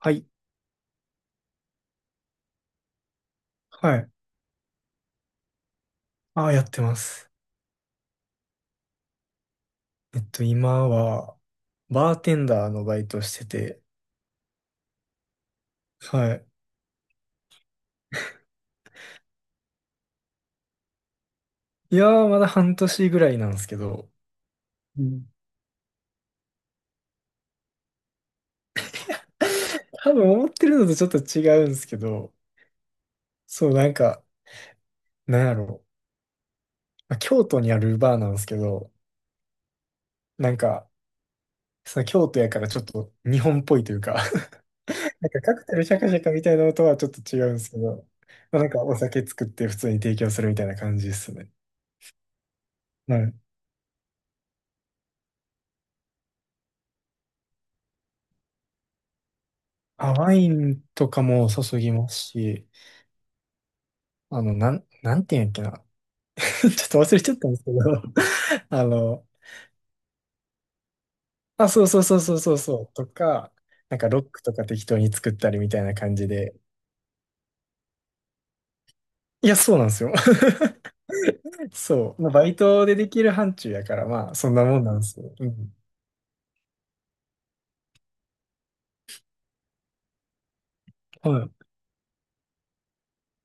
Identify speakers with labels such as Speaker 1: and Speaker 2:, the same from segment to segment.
Speaker 1: はい。はい。ああ、やってます。今は、バーテンダーのバイトしてて、はい。いやー、まだ半年ぐらいなんですけど、うん 多分思ってるのとちょっと違うんですけど、そう、なんか、なんやろう。まあ京都にあるバーなんですけど、なんか、その京都やからちょっと日本っぽいというか なんかカクテルシャカシャカみたいな音はちょっと違うんですけど、まあ、なんかお酒作って普通に提供するみたいな感じですね。あ、ワインとかも注ぎますし、なんていうんやっけな。ちょっと忘れちゃったんですけど、あの、あ、そうそうそうそうそうそう、とか、なんかロックとか適当に作ったりみたいな感じで。いや、そうなんですよ。そう。まあ、バイトでできる範疇やから、まあ、そんなもんなんですよ。うん。は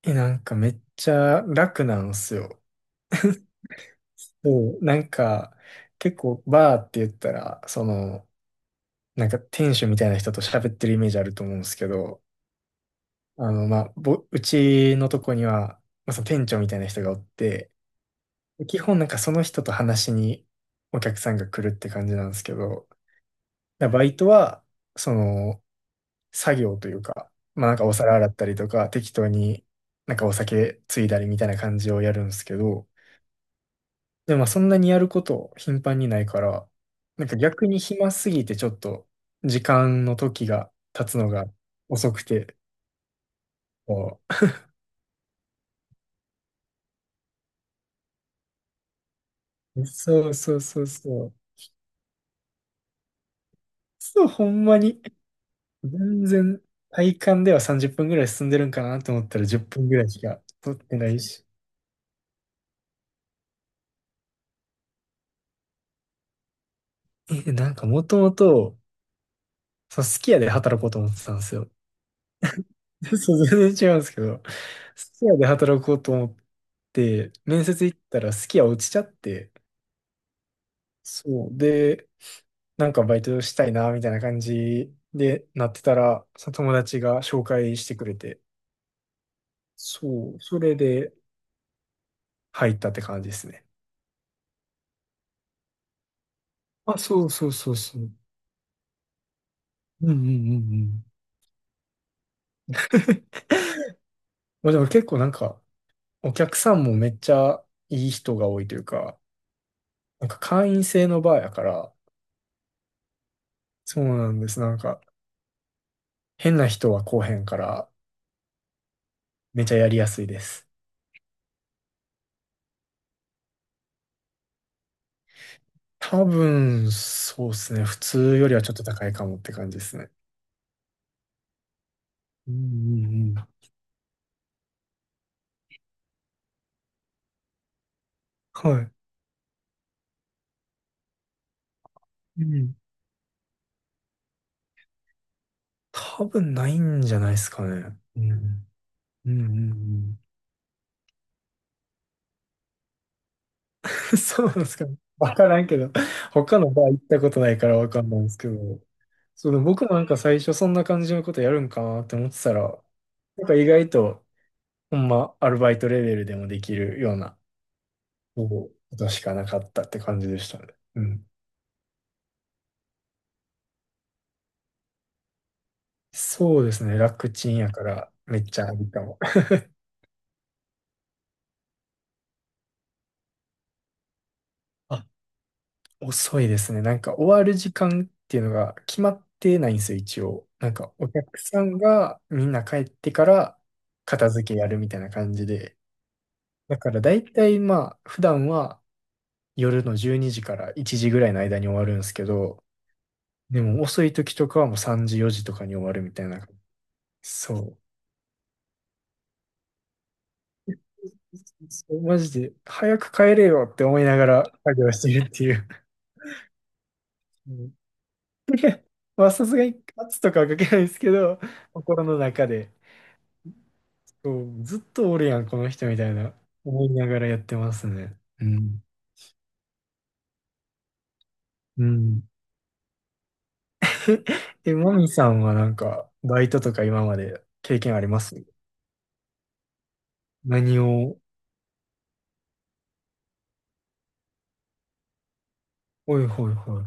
Speaker 1: い。え、なんかめっちゃ楽なんですよ。そう。なんか、結構バーって言ったら、その、なんか店主みたいな人と喋ってるイメージあると思うんですけど、うちのとこには、まあ、その店長みたいな人がおって、基本なんかその人と話しにお客さんが来るって感じなんですけど、だバイトは、その、作業というか、まあ、なんかお皿洗ったりとか、適当になんかお酒ついだりみたいな感じをやるんですけど、でもまあそんなにやること頻繁にないから、なんか逆に暇すぎてちょっと時間の時が経つのが遅くて、こうそうそうそうそう。そう、ほんまに。全然、体感では30分ぐらい進んでるんかなと思ったら10分ぐらいしか取ってないし。え、なんかもともと、そのすき家で働こうと思ってたんですよ。そう、全然違うんですけど、すき家で働こうと思って、面接行ったらすき家落ちちゃって、そう、で、なんかバイトしたいな、みたいな感じでなってたら、その友達が紹介してくれて、そう、それで入ったって感じですね。あ、そうそうそうそう。うんうんうんうん。まあでも結構なんか、お客さんもめっちゃいい人が多いというか、なんか会員制のバーやから、そうなんです。なんか、変な人は来おへんから、めちゃやりやすいです。多分、そうですね。普通よりはちょっと高いかもって感じですね。うんうんうん。はい。うん。多分ないんじゃないですかね。うん。うんうんうん。そうなんですか。わからんけど、他のバー行ったことないからわかんないんですけど、そう、でも僕もなんか最初そんな感じのことやるんかなって思ってたら、なんか意外と、ほんまアルバイトレベルでもできるようなことしかなかったって感じでしたね。うん。そうですね。楽ちんやからめっちゃありかも。あ、遅いですね。なんか終わる時間っていうのが決まってないんですよ、一応。なんかお客さんがみんな帰ってから片付けやるみたいな感じで。だから大体まあ、普段は夜の12時から1時ぐらいの間に終わるんですけど、でも遅い時とかはもう3時、4時とかに終わるみたいな。そう。そうマジで、早く帰れよって思いながら作業してるっていう。うん まあ、さすがに圧とかはかけないですけど、心の中で、そうずっとおるやん、この人みたいな、思いながらやってますね。うん。うん。え、マミさんはなんか、バイトとか今まで経験あります？何を、ほいほいほい。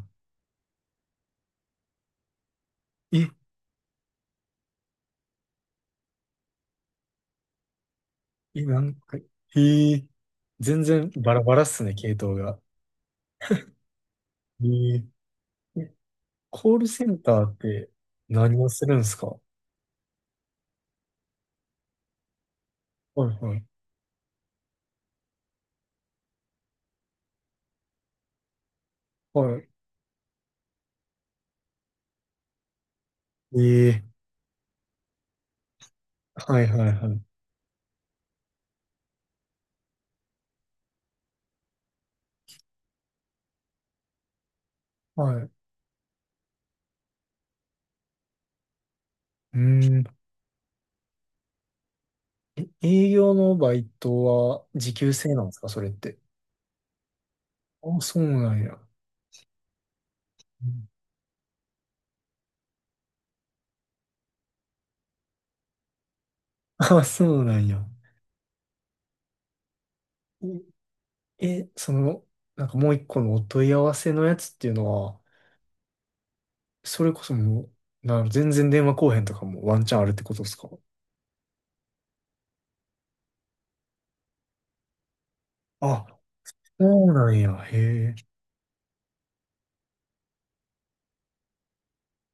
Speaker 1: え、え、なんか、へえ、全然バラバラっすね、系統が。へえ、えコールセンターって何をするんですか？はいはい。はい。ええ、はいはいはい。はい。うーん。え、営業のバイトは時給制なんですかそれって？あ、そうなんや。うんあ、そうなんや。え、えその、なんかもう一個のお問い合わせのやつっていうのは、それこそもう、なる全然電話こうへんとかもワンチャンあるってことですか？あ、そうなんや、へえ。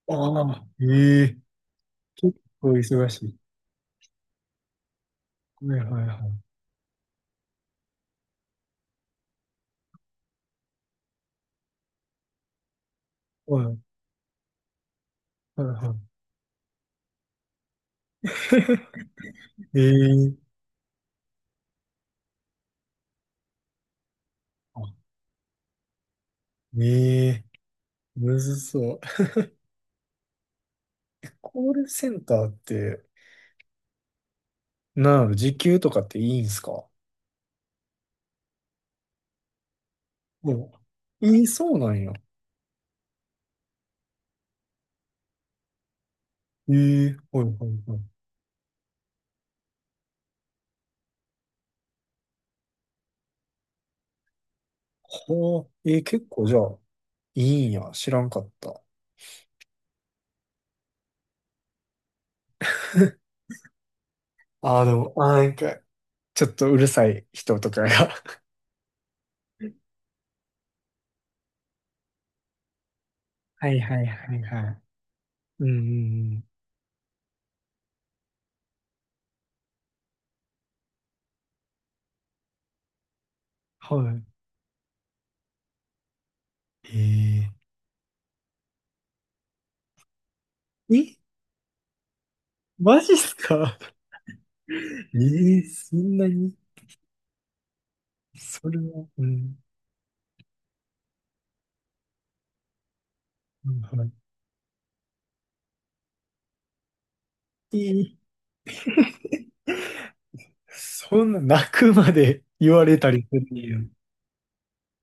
Speaker 1: ああ、へえ、結構忙しい。はいはいはい。はいはいはい。ええ、あええ、むずそう。コールセンターって、なんやろ、時給とかっていいんすか？もう、いいそうなんや。ええ、はいはいはい。はあ、ええ、結構じゃあ、いいんや、知らんかった。ああ、でも、あーなんか、ちょっとうるさい人とかが はいはいはいはい。うんうんうん。はい。えーえ、マジっすか？ えー、そんなにそれは、うん。うんはい。えーそんな泣くまで言われたりするんや。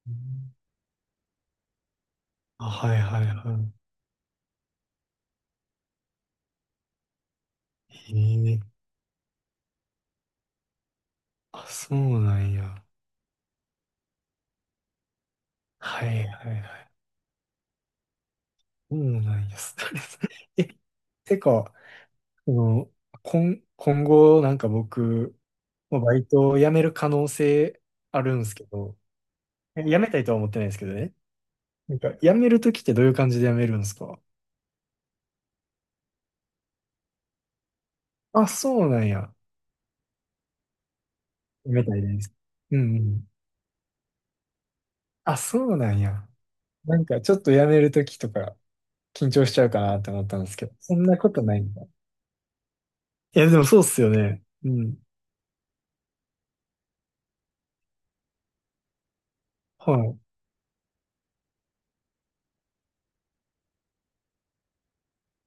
Speaker 1: うんあ、はいはいはい。ええあ、そうなんや。はいはいはい。そうなんや、ストレス。え、てか、その、今、今後、なんか僕、もうバイトを辞める可能性あるんですけど、え辞めたいとは思ってないですけどね。なんか、辞めるときってどういう感じで辞めるんですか？あ、そうなんや。辞めたいです。うんうん。あ、そうなんや。なんか、ちょっと辞めるときとか、緊張しちゃうかなって思ったんですけど、そんなことないんだ。いや、でもそうっすよね。うん。は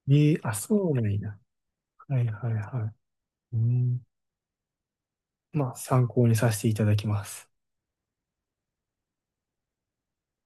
Speaker 1: い。えーあ、そうなんや。はいはいはい。うん。まあ、参考にさせていただきます。